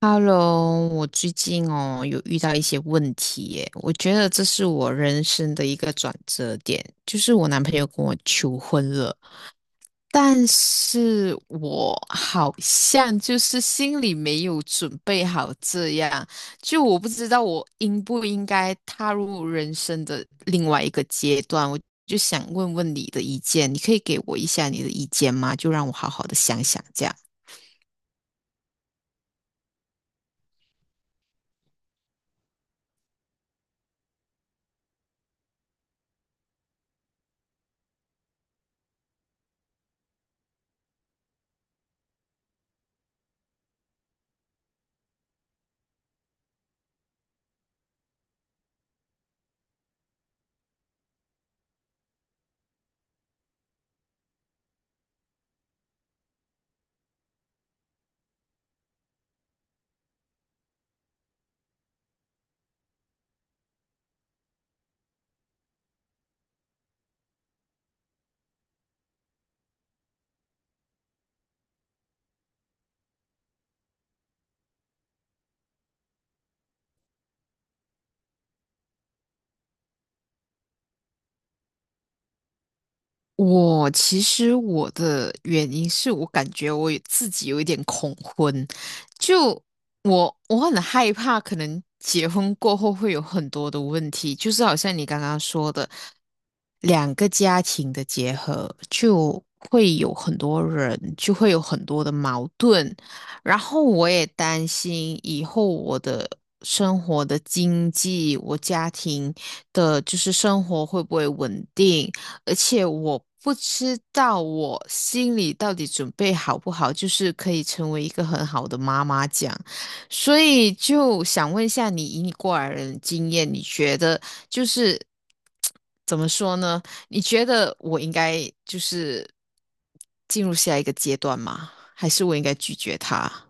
Hello，我最近有遇到一些问题耶，我觉得这是我人生的一个转折点，就是我男朋友跟我求婚了，但是我好像就是心里没有准备好这样，就我不知道我应不应该踏入人生的另外一个阶段，我就想问问你的意见，你可以给我一下你的意见吗？就让我好好的想想这样。我其实我的原因是我感觉自己有一点恐婚，就我很害怕，可能结婚过后会有很多的问题，就是好像你刚刚说的，两个家庭的结合就会有很多人，就会有很多的矛盾，然后我也担心以后我的生活的经济，我家庭的就是生活会不会稳定。而且我不知道我心里到底准备好不好，就是可以成为一个很好的妈妈这样，所以就想问一下你，以你过来人的经验，你觉得就是怎么说呢？你觉得我应该就是进入下一个阶段吗？还是我应该拒绝他？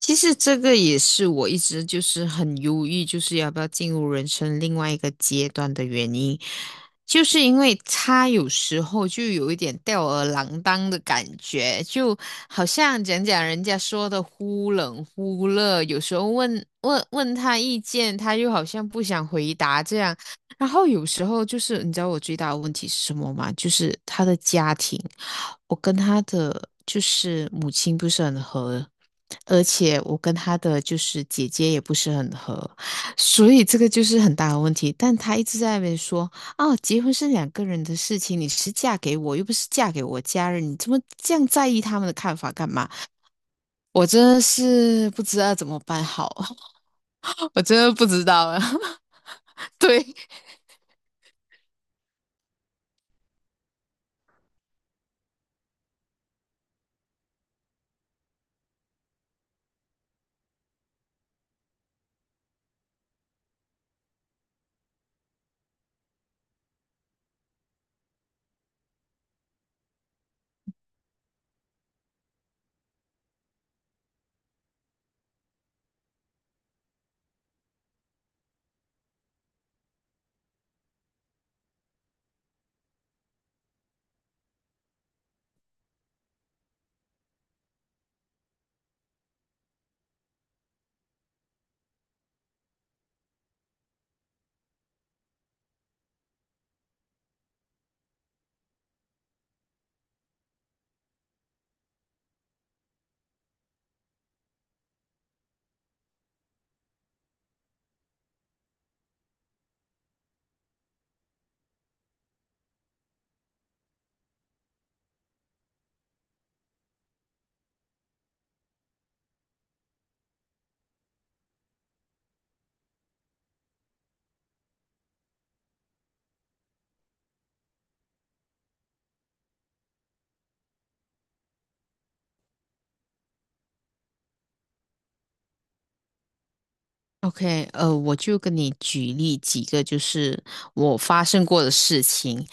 其实这个也是我一直就是很犹豫，就是要不要进入人生另外一个阶段的原因，就是因为他有时候就有一点吊儿郎当的感觉，就好像讲人家说的忽冷忽热，有时候问他意见，他又好像不想回答这样，然后有时候就是你知道我最大的问题是什么吗？就是他的家庭，我跟他的就是母亲不是很合。而且我跟他的就是姐姐也不是很合，所以这个就是很大的问题。但他一直在那边说，哦，结婚是两个人的事情，你是嫁给我，又不是嫁给我家人，你这么这样在意他们的看法干嘛？我真的是不知道怎么办好，我真的不知道了。对，OK，我就跟你举例几个就是我发生过的事情，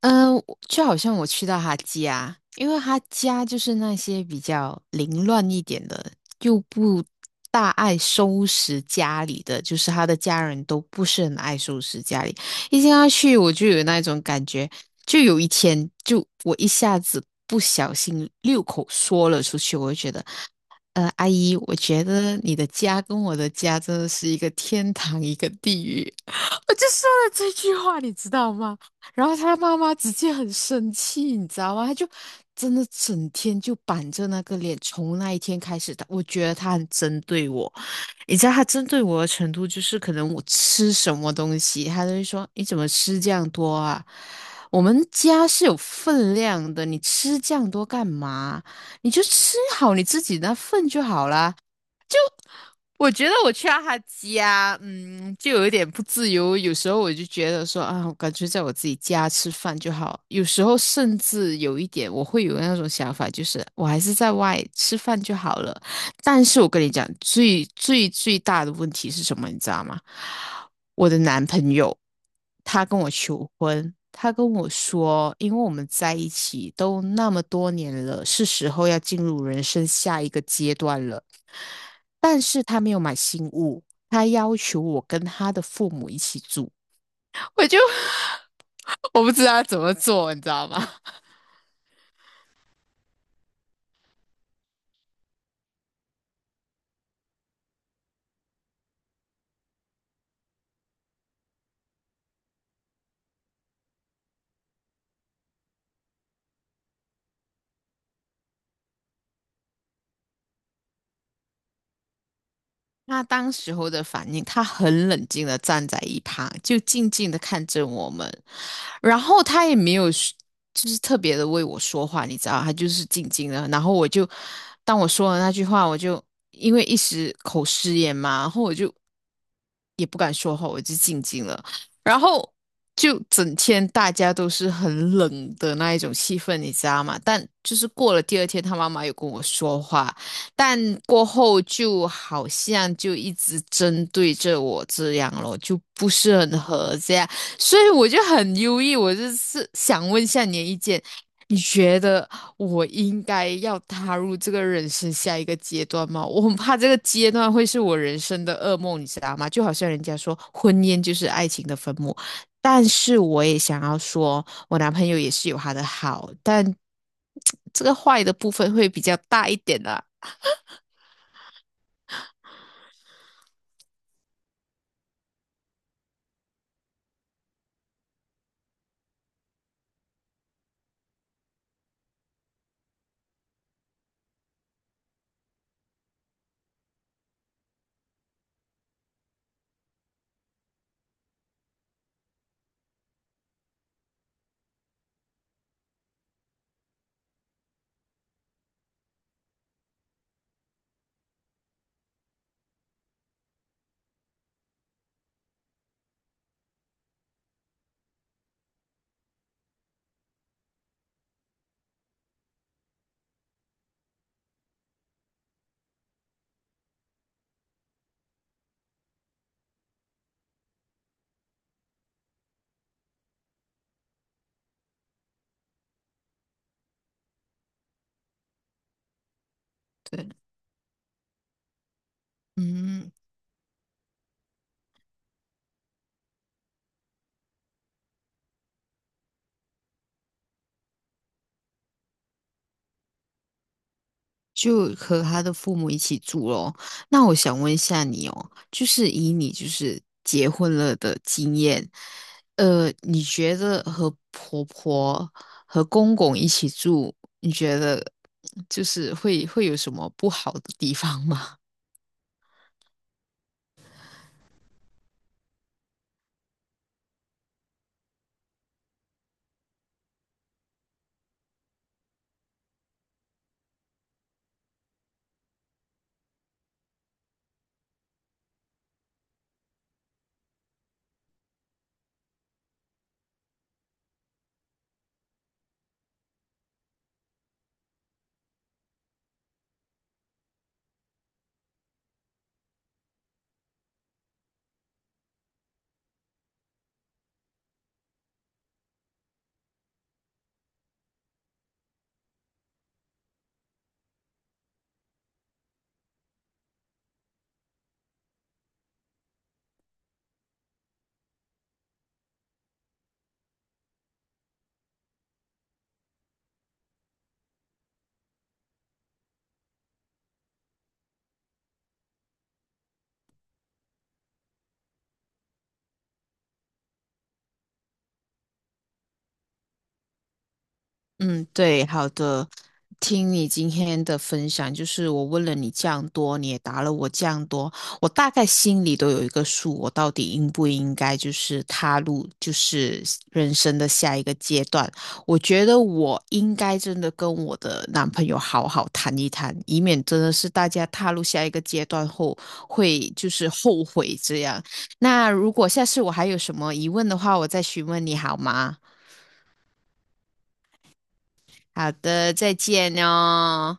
嗯，我就好像我去到他家，因为他家就是那些比较凌乱一点的，又不大爱收拾家里的，就是他的家人都不是很爱收拾家里。一进他去，我就有那种感觉，就有一天，就我一下子不小心六口说了出去，我就觉得阿姨，我觉得你的家跟我的家真的是一个天堂，一个地狱。我就说了这句话，你知道吗？然后他妈妈直接很生气，你知道吗？他就真的整天就板着那个脸。从那一天开始，我觉得他很针对我。你知道他针对我的程度，就是可能我吃什么东西，他都会说：“你怎么吃这样多啊？我们家是有分量的，你吃这样多干嘛？”你就吃好你自己那份就好啦。我觉得我去到他家，嗯，就有一点不自由。有时候我就觉得说啊，我感觉在我自己家吃饭就好。有时候甚至有一点，我会有那种想法，就是我还是在外吃饭就好了。但是我跟你讲，最大的问题是什么，你知道吗？我的男朋友，他跟我求婚，他跟我说，因为我们在一起都那么多年了，是时候要进入人生下一个阶段了。但是他没有买新屋，他要求我跟他的父母一起住。我就 我不知道怎么做，你知道吗？他当时候的反应，他很冷静的站在一旁，就静静的看着我们，然后他也没有说就是特别的为我说话，你知道，他就是静静的。然后我就，当我说了那句话，我就因为一时口失言嘛，然后我就也不敢说话，我就静静了。然后就整天大家都是很冷的那一种气氛，你知道吗？但就是过了第二天，他妈妈有跟我说话。但过后就好像就一直针对着我这样咯，就不是很合这样，所以我就很忧郁。我就是想问一下你的意见，你觉得我应该要踏入这个人生下一个阶段吗？我很怕这个阶段会是我人生的噩梦，你知道吗？就好像人家说婚姻就是爱情的坟墓，但是我也想要说，我男朋友也是有他的好，但 这个坏的部分会比较大一点啦。对。嗯，就和他的父母一起住咯。那我想问一下你哦，就是以你就是结婚了的经验，你觉得和婆婆和公公一起住，你觉得就是会有什么不好的地方吗？嗯，对，好的。听你今天的分享，就是我问了你这样多，你也答了我这样多，我大概心里都有一个数，我到底应不应该就是踏入就是人生的下一个阶段？我觉得我应该真的跟我的男朋友好好谈一谈，以免真的是大家踏入下一个阶段后会就是后悔这样。那如果下次我还有什么疑问的话，我再询问你好吗？好的，再见哦。